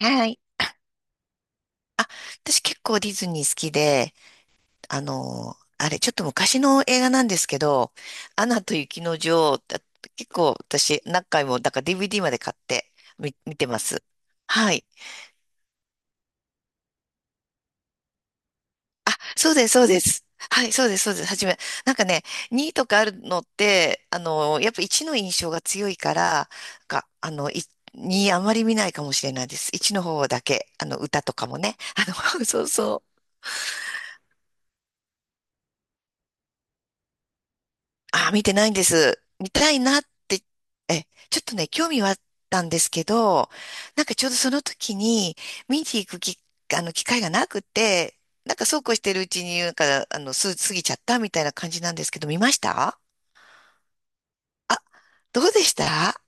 はい。あ、私結構ディズニー好きで、あの、あれ、ちょっと昔の映画なんですけど、アナと雪の女王、結構私何回も、だから DVD まで買って見てます。はい。そうです、そうです。はい、そうです、そうです。はじめ。なんかね、2とかあるのって、やっぱ1の印象が強いから、か、あの、い2あまり見ないかもしれないです。1の方だけ、歌とかもね。そうそう。あ、見てないんです。見たいなって、え、ちょっとね、興味はあったんですけど、なんかちょうどその時に、見に行くき、あの、機会がなくて、なんかそうこうしてるうちに、過ぎちゃったみたいな感じなんですけど、見ました？あ、どうでした？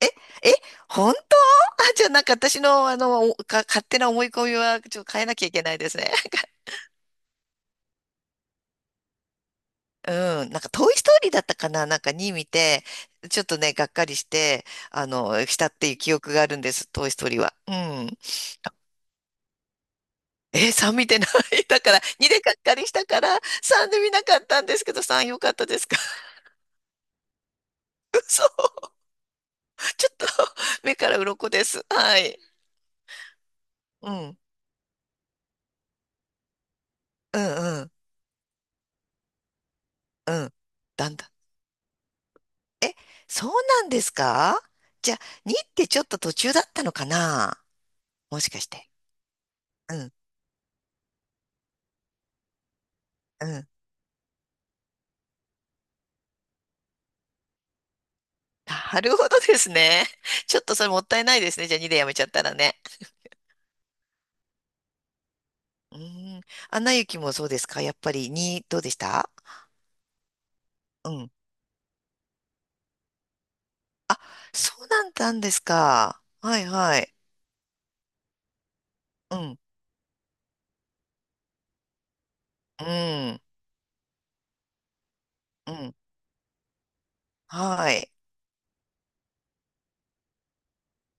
え、え、本当？あ、じゃあなんか私の、勝手な思い込みは、ちょっと変えなきゃいけないですね。うん、なんか、トイ・ストーリーだったかな？なんか2見て、ちょっとね、がっかりして、したっていう記憶があるんです、トイ・ストーリーは。うん。3見てない だから、2でがっかりしたから、3で見なかったんですけど、3良かったですか？ そう。ちょっと、目から鱗です。はい。うん。うん、うん、うん。だんだん。え、そうなんですか？じゃあ、2ってちょっと途中だったのかな？もしかして。うん、うん。なるほどですね。ちょっとそれもったいないですね。じゃあ2でやめちゃったらね。うん。アナ雪もそうですか？やっぱり2、どうでした？うん。そうなんだんですか。はいはい。うん。うん。うん。はい。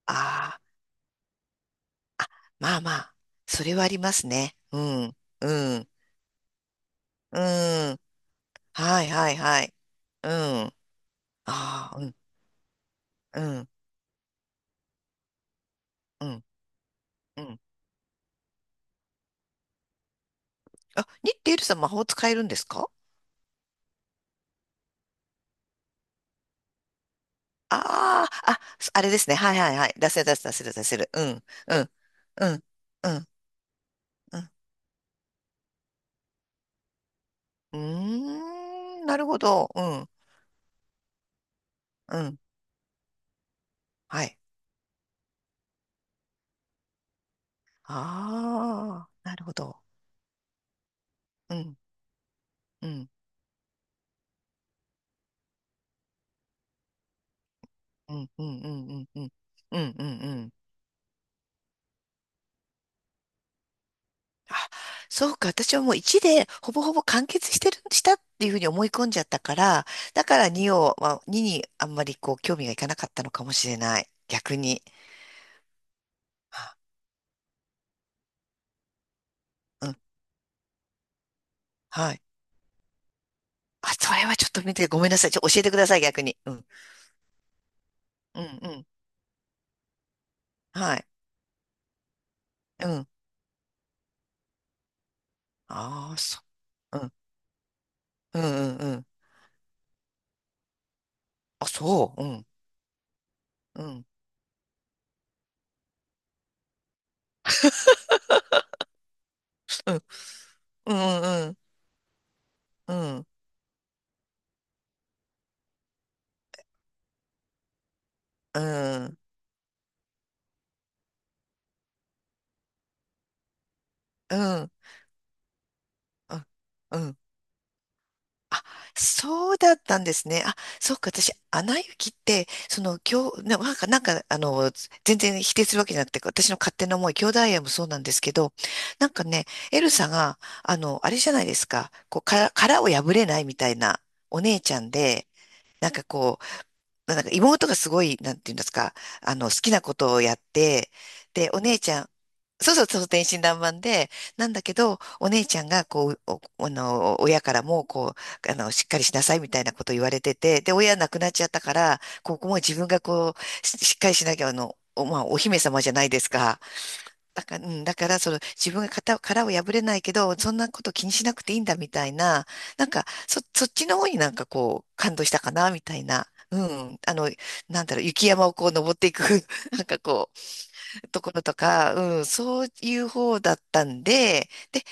ああ、まあまあ。それはありますね。うん。うん。うん。はいはいはい。うん。ああ、うん。うん。うん。うん。あ、2ってエルさん魔法使えるんですか？ああ、あ、あれですね。はいはいはい。出せる出せる出せる出せる。うん、うん、うん、うん、うん。うーん、なるほど。うん、うん。はい。ああ、なるほど。うん、うん、うん、うん、うん、うん、うん、うん、うん。うんあ、そうか。私はもう1でほぼほぼ完結してる、したっていうふうに思い込んじゃったから、だから2を、まあ、2にあんまりこう興味がいかなかったのかもしれない。逆に。あうん、はい。あ、それはちょっと見て、ごめんなさい。教えてください、逆に。うん。うん、うん。はい。うん。ああ、そう。うん。うん、うん、うん。あ、そう。うん。うん。うん、うん、うん。うん。うん。うん。うん。うん。あ、そうだったんですね。あ、そうか、私、アナ雪って、その、今日、ななんか、なんか、あの、全然否定するわけじゃなくて、私の勝手な思い、兄弟愛もそうなんですけど、なんかね、エルサが、あれじゃないですか、こう、殻を破れないみたいなお姉ちゃんで、なんかこう、なんか妹がすごい、なんていうんですか、好きなことをやって、で、お姉ちゃん、そうそうそう、天真爛漫で、なんだけど、お姉ちゃんが、こう、お、あの、親からも、こう、しっかりしなさいみたいなこと言われてて、で、親亡くなっちゃったから、ここも自分がこう、しっかりしなきゃ、まあ、お姫様じゃないですか。だから、うん、だから、その、自分が型、殻を破れないけど、そんなこと気にしなくていいんだみたいな、なんか、そっちの方になんかこう、感動したかな、みたいな。うん、なんだろう、雪山をこう登っていく、なんかこう、ところとか、うん、そういう方だったんで、で、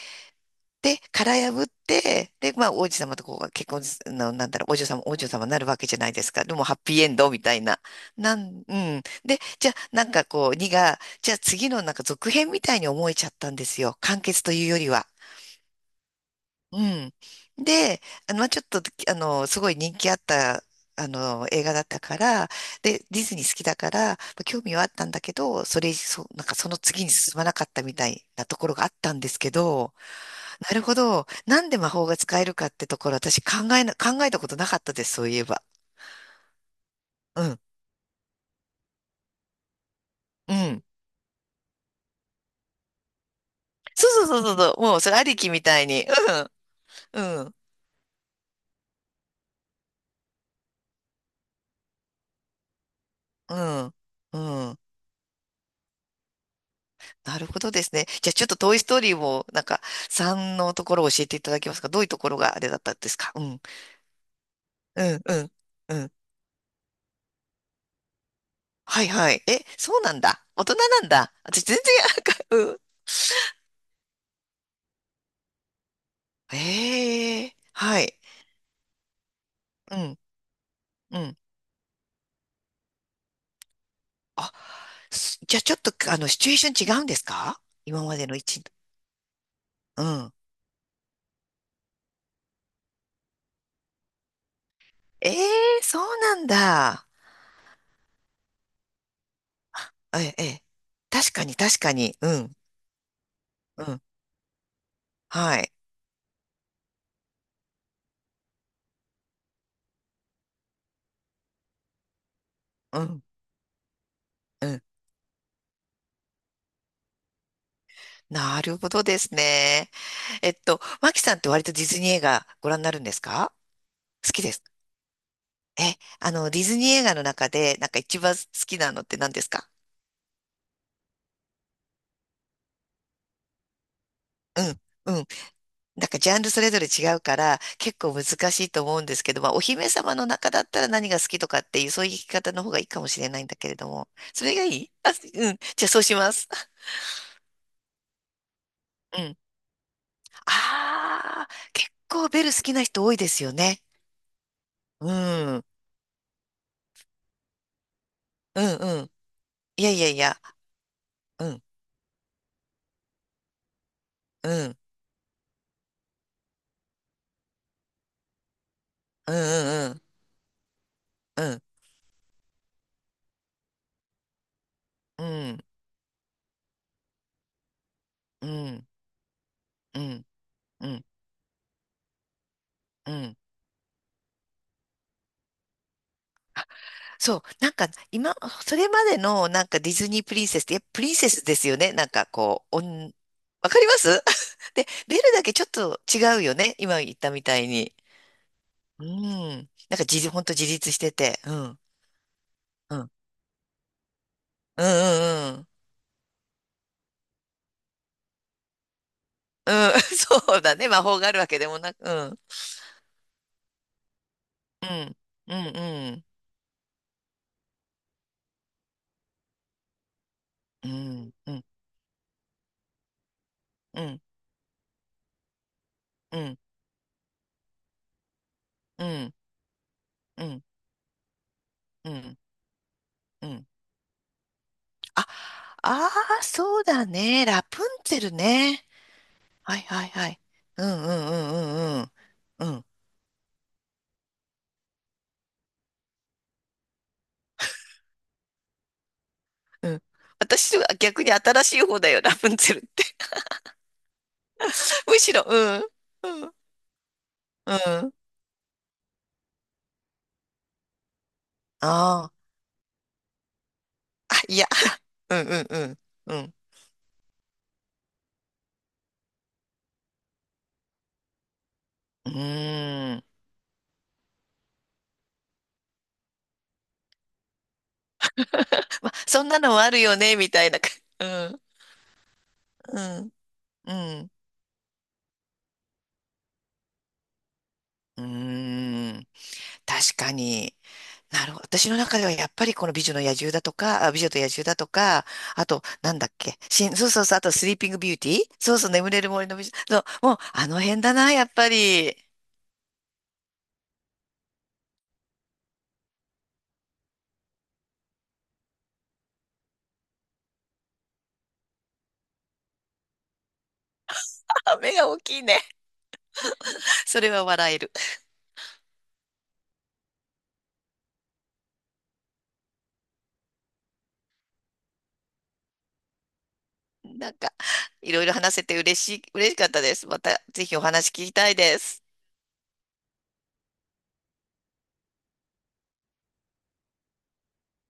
殻破って、で、まあ、王子様とこう結婚す、の、なんだろう、お嬢様、お嬢様になるわけじゃないですか。でも、ハッピーエンドみたいな。なん、うん。で、じゃあ、なんかこう、2が、じゃあ次のなんか続編みたいに思えちゃったんですよ。完結というよりは。うん。で、まあちょっと、すごい人気あった、映画だったから、で、ディズニー好きだから、まあ興味はあったんだけど、それ、そう、なんかその次に進まなかったみたいなところがあったんですけど、なるほど。なんで魔法が使えるかってところ、私考えたことなかったです、そういえば。うん。うん。そうそうそうそうそう。もう、それありきみたいに。うん。うん。うん。うん。なるほどですね。じゃあちょっとトイストーリーをなんか、3のところを教えていただけますか？どういうところがあれだったんですか？うん。うん、うん、うん。はいはい。え、そうなんだ。大人なんだ。私全然、なんか、うん。ええはい。うん、うん。あ、じゃあちょっと、シチュエーション違うんですか？今までの一、うん。ええそうなんだ。え、え、確かに確かに。うん、うん。はい。うん、うん。なるほどですね。マキさんって割とディズニー映画ご覧になるんですか？好きですか？え、ディズニー映画の中で、なんか一番好きなのって何ですか？うん、うん。なんかジャンルそれぞれ違うから、結構難しいと思うんですけど、まあ、お姫様の中だったら何が好きとかっていう、そういう聞き方の方がいいかもしれないんだけれども。それがいい？あ、うん。じゃあそうします。うん。ああ、結構ベル好きな人多いですよね。うん。うんうん。いやいやいや。うん。うん。うんうんうん。うん。うん。うん、うん、うん、うん。そう、なんか今、それまでのなんかディズニープリンセスって、やっぱプリンセスですよね。なんかこう、わかります？ で、ベルだけちょっと違うよね。今言ったみたいに。うん。なんか自立、ほんと自立してて。うん、うん、うん、うん、うん。うん、そうだね。魔法があるわけでもなく。うん、うん、うんうん、うん、うん、うん、うん、うん、うん、うん、うん。あ、ああ、そうだね。ラプンツェルね。はいはいはい。うんうんうんうんうん。うんうん。私は逆に新しい方だよ、ラプンツェルって。むしろ、うん。うん。うん。ああ、あ、いや、うんうんうん。うん。うーん。まあ、そんなのもあるよね、みたいな。うん。うん。うん。うーん。確かに。なるほど。私の中ではやっぱりこの美女の野獣だとか、あ、美女と野獣だとか、あと、なんだっけ、そうそうそう、あとスリーピングビューティーそうそう、眠れる森の美女。そう、もうあの辺だな、やっぱり。あ、目が大きいね。それは笑える。なんか、いろいろ話せて嬉しかったです。また、ぜひお話聞きたいです。